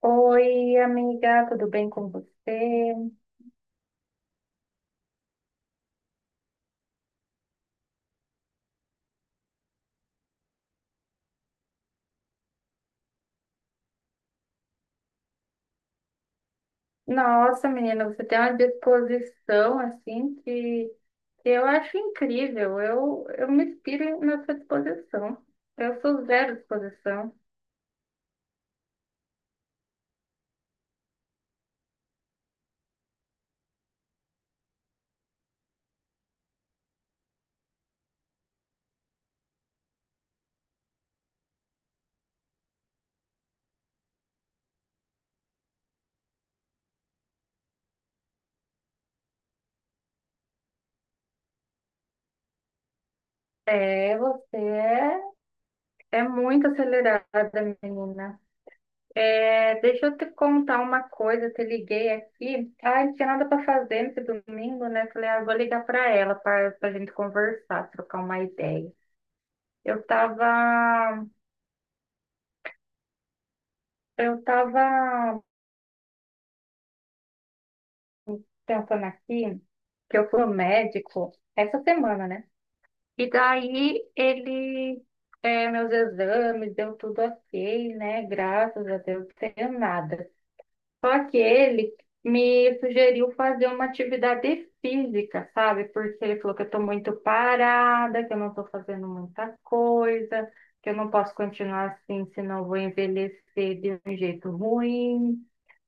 Oi, amiga, tudo bem com você? Nossa, menina, você tem uma disposição assim que eu acho incrível. Eu me inspiro na sua disposição. Eu sou zero disposição. Você é muito acelerada, menina. É, deixa eu te contar uma coisa, eu te liguei aqui. Ah, não tinha nada para fazer nesse domingo, né? Falei, ah, vou ligar para ela para a gente conversar, trocar uma ideia. Eu tava Eu estava pensando aqui que eu fui ao médico essa semana, né? E daí ele, é, meus exames, deu tudo ok, né? Graças a Deus, não tenho nada. Só que ele me sugeriu fazer uma atividade física, sabe? Porque ele falou que eu estou muito parada, que eu não estou fazendo muita coisa, que eu não posso continuar assim, senão eu vou envelhecer de um jeito ruim.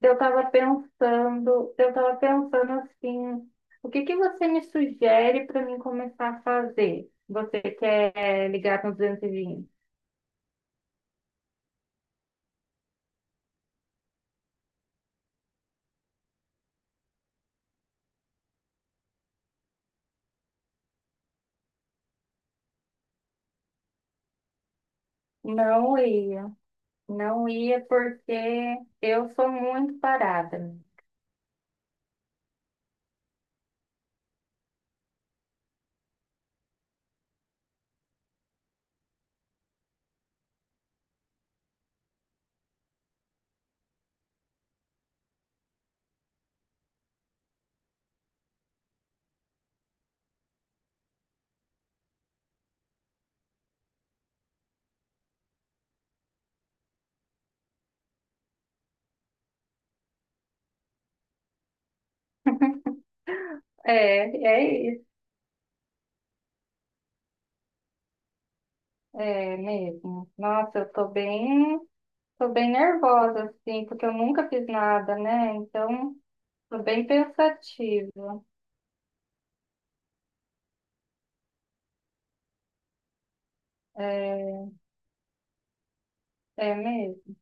Eu estava pensando assim, o que que você me sugere para mim começar a fazer? Você quer ligar no 220? Não ia, não ia porque eu sou muito parada. É, é isso, é mesmo. Nossa, eu tô bem nervosa, assim, porque eu nunca fiz nada, né? Então, tô bem pensativa. É, é mesmo.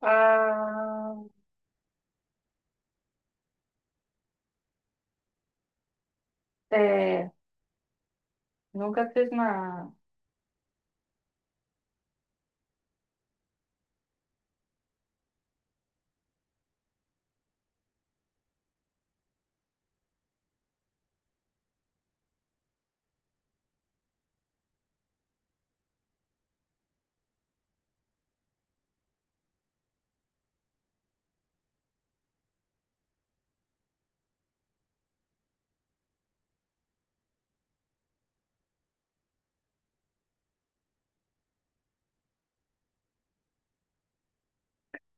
Ah, é, nunca fiz nada.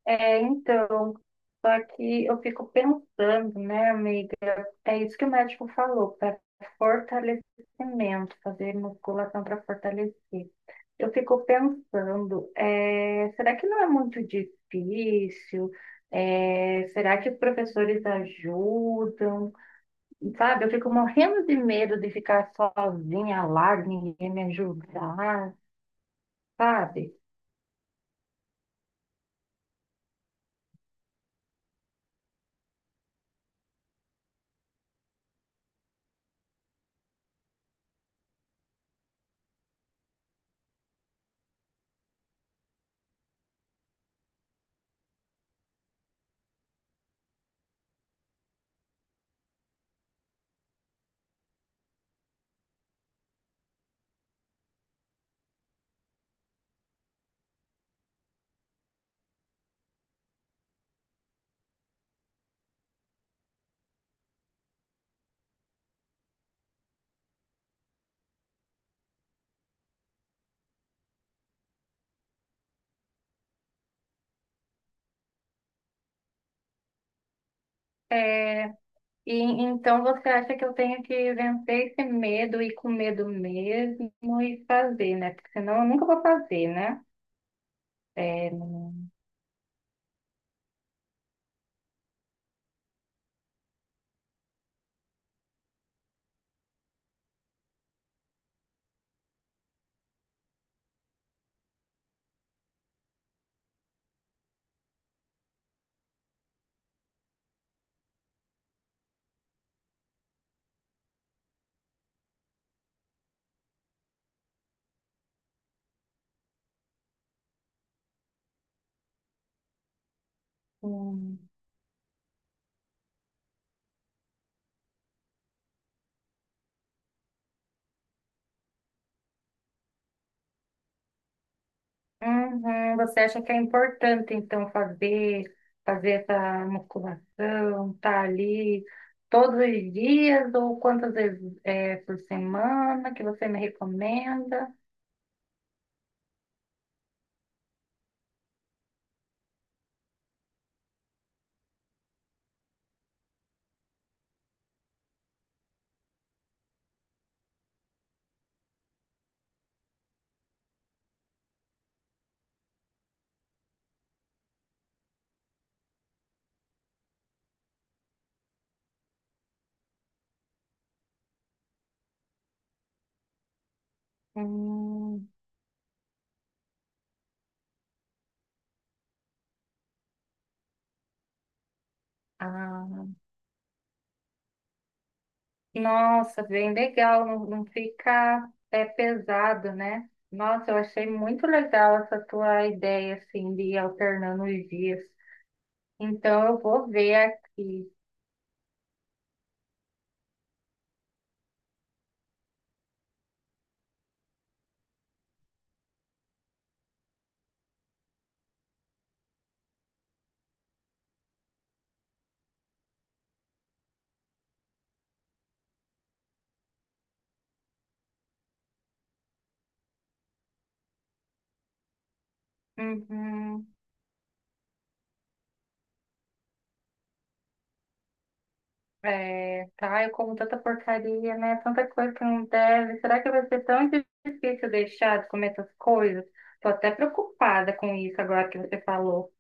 É, então, só que eu fico pensando, né, amiga? É isso que o médico falou, para fortalecimento, fazer musculação para fortalecer. Eu fico pensando, será que não é muito difícil? Será que professores ajudam? Sabe, eu fico morrendo de medo de ficar sozinha lá, ninguém me ajudar, sabe? Eh, e então você acha que eu tenho que vencer esse medo e com medo mesmo e fazer, né? Porque senão eu nunca vou fazer, né? É. Não. Uhum. Você acha que é importante, então, fazer essa musculação, tá ali todos os dias ou quantas vezes é, por semana que você me recomenda? Hum, ah, nossa, bem legal, não, não fica é, pesado, né? Nossa, eu achei muito legal essa tua ideia, assim, de ir alternando os dias. Então, eu vou ver aqui. Uhum. É, tá, eu como tanta porcaria, né? Tanta coisa que não deve. Será que vai ser tão difícil deixar de comer essas coisas? Tô até preocupada com isso agora que você falou.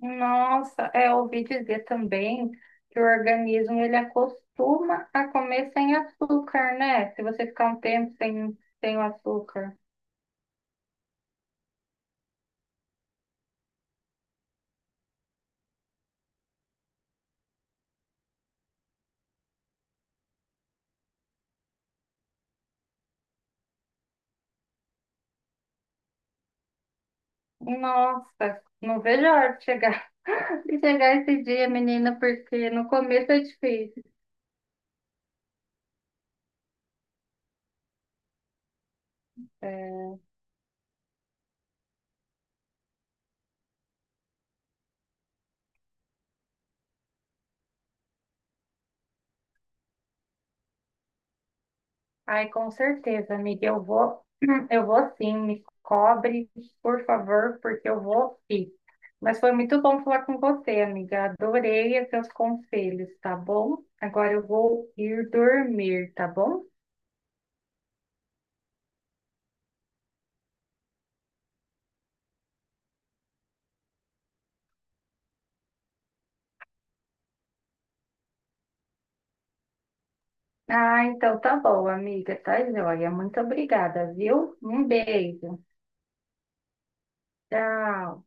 Nossa, é, eu ouvi dizer também que o organismo ele acostuma a comer sem açúcar, né? Se você ficar um tempo sem o açúcar. Nossa, não vejo a hora de chegar, de chegar esse dia, menina, porque no começo é difícil. É. Ai, com certeza, amiga. Eu vou, eu vou sim. Me cobre, por favor, porque eu vou sim. Mas foi muito bom falar com você, amiga. Adorei os seus conselhos, tá bom? Agora eu vou ir dormir, tá bom? Ah, então tá bom, amiga. Tá joia. Muito obrigada, viu? Um beijo. Tchau.